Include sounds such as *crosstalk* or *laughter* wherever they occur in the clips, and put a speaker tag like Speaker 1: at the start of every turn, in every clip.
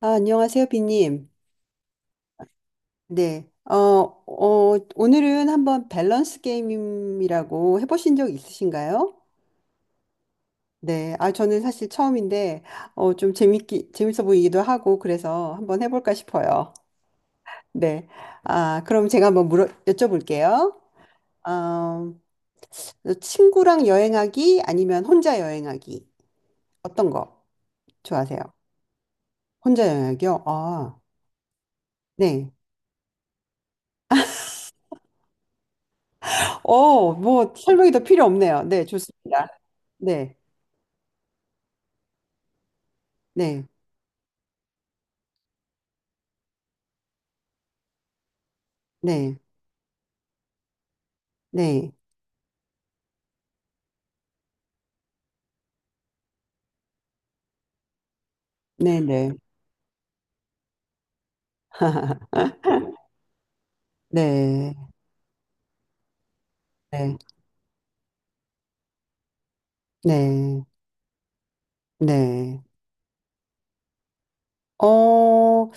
Speaker 1: 아, 안녕하세요, 비님. 네. 오늘은 한번 밸런스 게임이라고 해보신 적 있으신가요? 네. 아, 저는 사실 처음인데, 좀 재밌어 보이기도 하고, 그래서 한번 해볼까 싶어요. 네. 아, 그럼 제가 한번 여쭤볼게요. 어, 친구랑 여행하기 아니면 혼자 여행하기. 어떤 거 좋아하세요? 혼자 여행하기요? 아, 네. 뭐, 설명이 더 필요 없네요. 네, 좋습니다. 네, 네. 네, 네, 네, 네, *laughs* 네, 네, 네, 네. 어,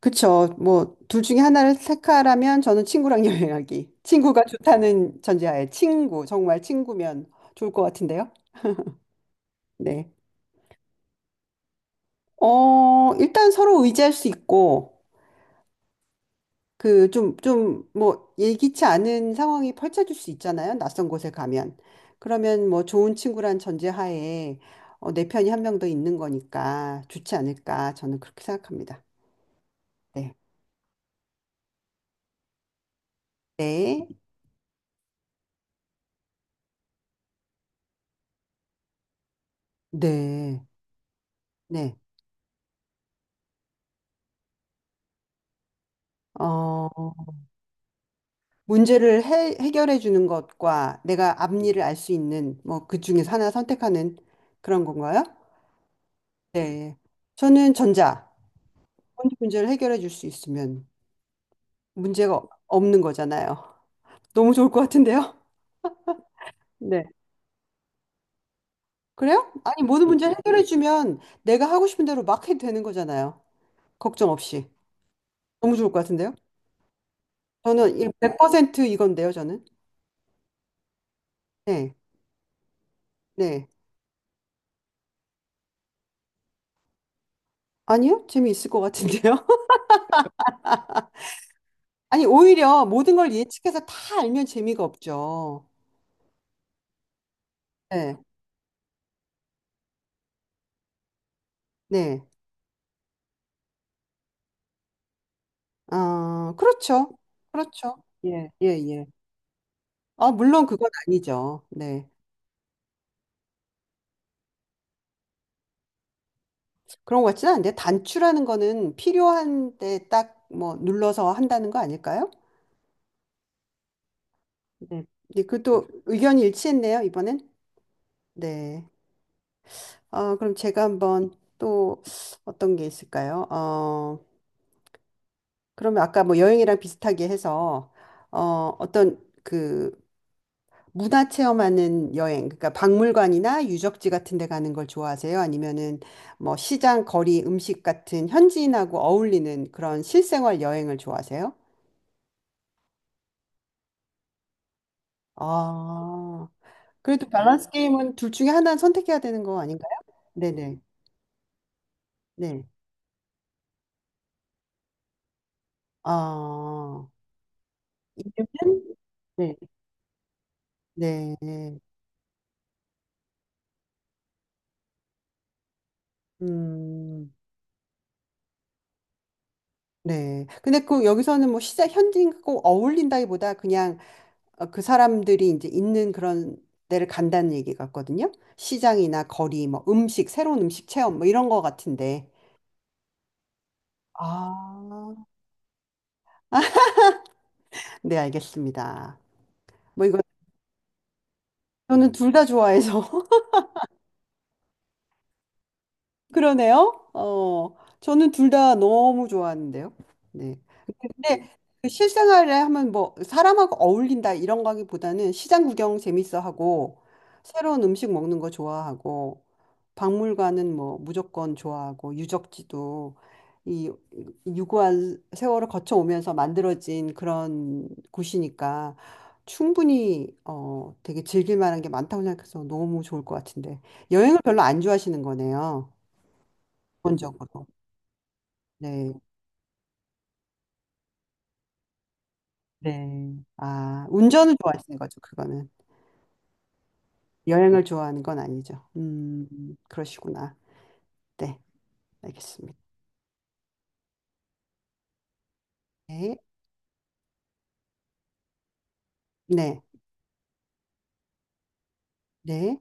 Speaker 1: 그쵸. 뭐, 둘 중에 하나를 택하라면 저는 친구랑 *laughs* 여행하기. 친구가 좋다는 전제하에 친구, 정말 친구면 좋을 것 같은데요. 네. 일단 서로 의지할 수 있고, 그 좀 뭐 예기치 않은 상황이 펼쳐질 수 있잖아요. 낯선 곳에 가면. 그러면 뭐 좋은 친구란 전제하에 내 편이 한 명 더 있는 거니까 좋지 않을까 저는 그렇게 생각합니다. 네. 네. 네. 네. 어, 문제를 해결해 주는 것과 내가 앞니를 알 수 있는 뭐 그 중에서 하나 선택하는 그런 건가요? 네. 저는 전자. 먼저 문제를 해결해 줄 수 있으면 문제가 없는 거잖아요. 너무 좋을 것 같은데요? 네. 그래요? 아니, 모든 문제 해결해주면 내가 하고 싶은 대로 막 해도 되는 거잖아요. 걱정 없이. 너무 좋을 것 같은데요? 저는 100% 이건데요, 저는. 네, 네. 아니요? 재미있을 것 같은데요? *laughs* 아니, 오히려 모든 걸 예측해서 다 알면 재미가 없죠. 네, 네. 아, 그렇죠. 그렇죠. 예, 예, 예. 아, 물론 그건 아니죠. 네. 그런 것 같지는 않은데, 단추라는 거는 필요한 때 딱 뭐 눌러서 한다는 거 아닐까요? 네. 네, 그것도 의견이 일치했네요, 이번엔. 네. 그럼 제가 한번 또 어떤 게 있을까요? 그러면 아까 뭐 여행이랑 비슷하게 해서 어, 어떤 그 문화 체험하는 여행, 그러니까 박물관이나 유적지 같은 데 가는 걸 좋아하세요? 아니면은 뭐 시장, 거리, 음식 같은 현지인하고 어울리는 그런 실생활 여행을 좋아하세요? 아, 그래도 밸런스 게임은 둘 중에 하나는 선택해야 되는 거 아닌가요? 네네. 네. 아, 요즘? 네, 네, 음, 네. 근데 그 여기서는 뭐 시장 현지인과 꼭 어울린다기보다 그냥 그 사람들이 이제 있는 그런 데를 간다는 얘기 같거든요. 시장이나 거리, 뭐 음식, 새로운 음식 체험 뭐 이런 거 같은데. 아, 네, 알겠습니다. 뭐 이거 저는 둘 다 좋아해서 *laughs* 그러네요. 저는 둘 다 너무 좋아하는데요. 네. 근데 그 실생활에 하면 뭐 사람하고 어울린다 이런 거기보다는 시장 구경 재밌어 하고 새로운 음식 먹는 거 좋아하고 박물관은 뭐 무조건 좋아하고 유적지도 이 유구한 세월을 거쳐 오면서 만들어진 그런 곳이니까 충분히 되게 즐길 만한 게 많다고 생각해서 너무 좋을 것 같은데 여행을 별로 안 좋아하시는 거네요. 기본적으로. 네. 네. 아, 운전을 좋아하시는 거죠, 그거는. 여행을 좋아하는 건 아니죠. 그러시구나. 네, 알겠습니다. 네, 네, 네.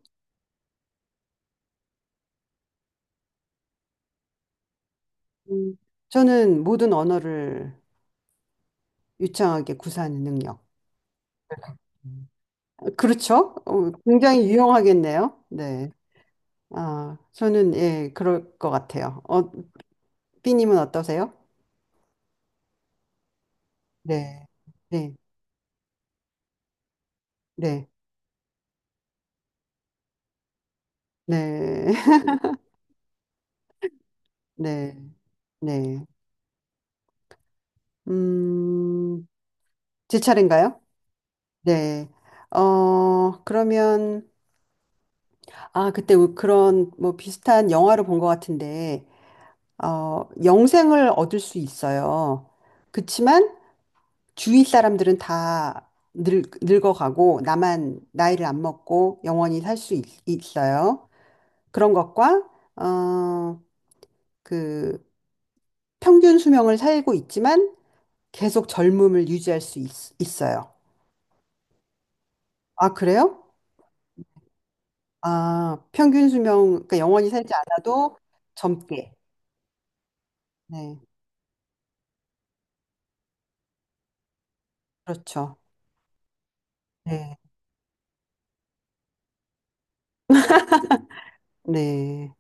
Speaker 1: 음, 저는 모든 언어를 유창하게 구사하는 능력. 음. 그렇죠? 굉장히 유용하겠네요. 네. 아, 저는 예, 그럴 것 같아요. 삐님은 어떠세요? 네, 네, 네, 네, *laughs* 네, 네. 음, 제 차례인가요? 네. 그러면 아, 그때 그런 뭐 비슷한 영화를 본 것 같은데, 영생을 얻을 수 있어요. 그치만 주위 사람들은 다 늙어가고, 나만 나이를 안 먹고 영원히 살 수 있어요. 그런 것과, 어, 그 평균 수명을 살고 있지만 계속 젊음을 유지할 수 있어요. 아, 그래요? 아, 평균 수명, 그러니까 영원히 살지 않아도 젊게. 네, 그렇죠. 네, 네.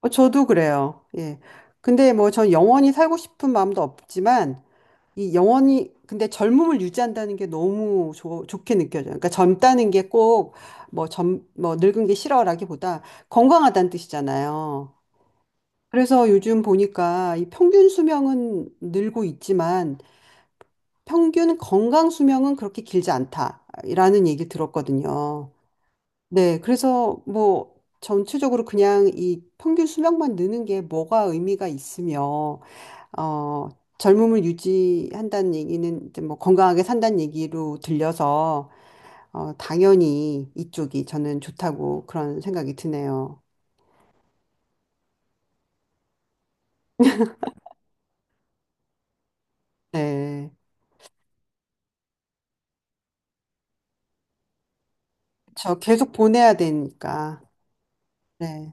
Speaker 1: 저도 그래요. 예. 근데 뭐 전 영원히 살고 싶은 마음도 없지만 이 영원히 근데 젊음을 유지한다는 게 너무 좋 좋게 느껴져요. 그러니까 젊다는 게 꼭 뭐 젊 뭐 늙은 게 싫어라기보다 건강하다는 뜻이잖아요. 그래서 요즘 보니까 이 평균 수명은 늘고 있지만 평균 건강 수명은 그렇게 길지 않다라는 얘기 들었거든요. 네, 그래서 뭐 전체적으로 그냥 이 평균 수명만 느는 게 뭐가 의미가 있으며, 어, 젊음을 유지한다는 얘기는 이제 뭐 건강하게 산다는 얘기로 들려서, 당연히 이쪽이 저는 좋다고 그런 생각이 드네요. 네. 저 계속 보내야 되니까. 네,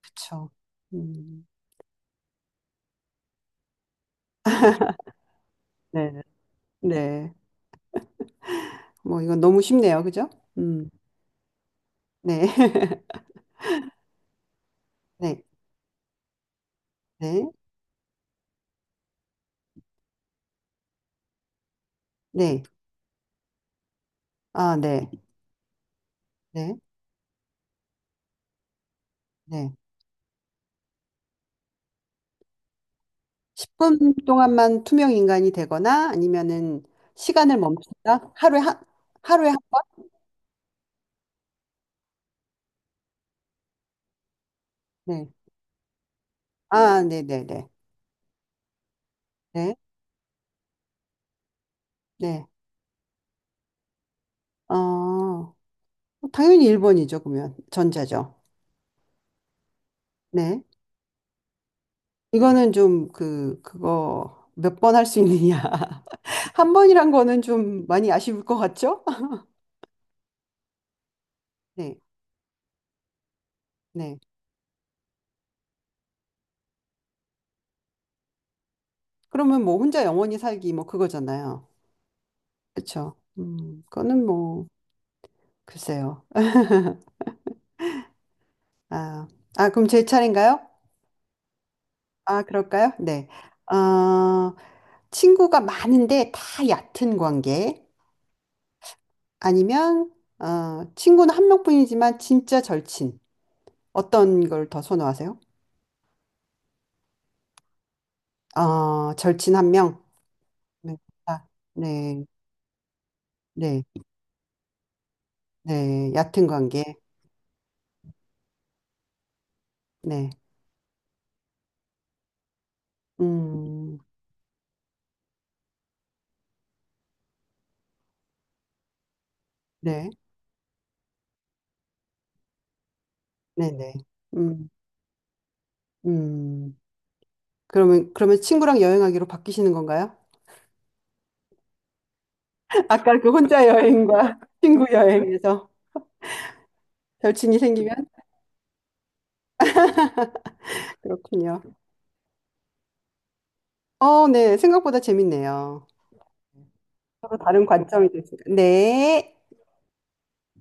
Speaker 1: 그쵸. 음, 네, 네. 뭐 이건 너무 쉽네요. 그죠? 음, 네. *laughs* 네, 네, 네. 아, 네, 네, 네. 10분 동안만 투명 인간이 되거나 아니면은 시간을 멈춘다? 하루에 한 번? 네. 아, 네네네. 네. 네. 네, 네. 당연히 1번이죠, 그러면. 전자죠. 네. 이거는 좀 그거 몇 번 할 수 있느냐. *laughs* 한 번이란 거는 좀 많이 아쉬울 것 같죠? *laughs* 네. 네. 그러면 뭐 혼자 영원히 살기 뭐 그거잖아요. 그렇죠. 그거는 뭐, 글쎄요. 아, 아, 그럼 제 차례인가요? 아, 그럴까요? 네. 어, 친구가 많은데 다 얕은 관계 아니면 친구는 한 명뿐이지만 진짜 절친. 어떤 걸 더 선호하세요? 절친 한 명. 네. 아, 네. 네. 네. 얕은 관계. 네. 음. 네. 네, 네. 음. 음. 그러면 친구랑 여행하기로 바뀌시는 건가요? *laughs* 아까 그 혼자 여행과 *laughs* 친구 여행에서 절친이 생기면 그렇군요. 네. 생각보다 재밌네요. 서로 다른 관점이 될 수 있 네.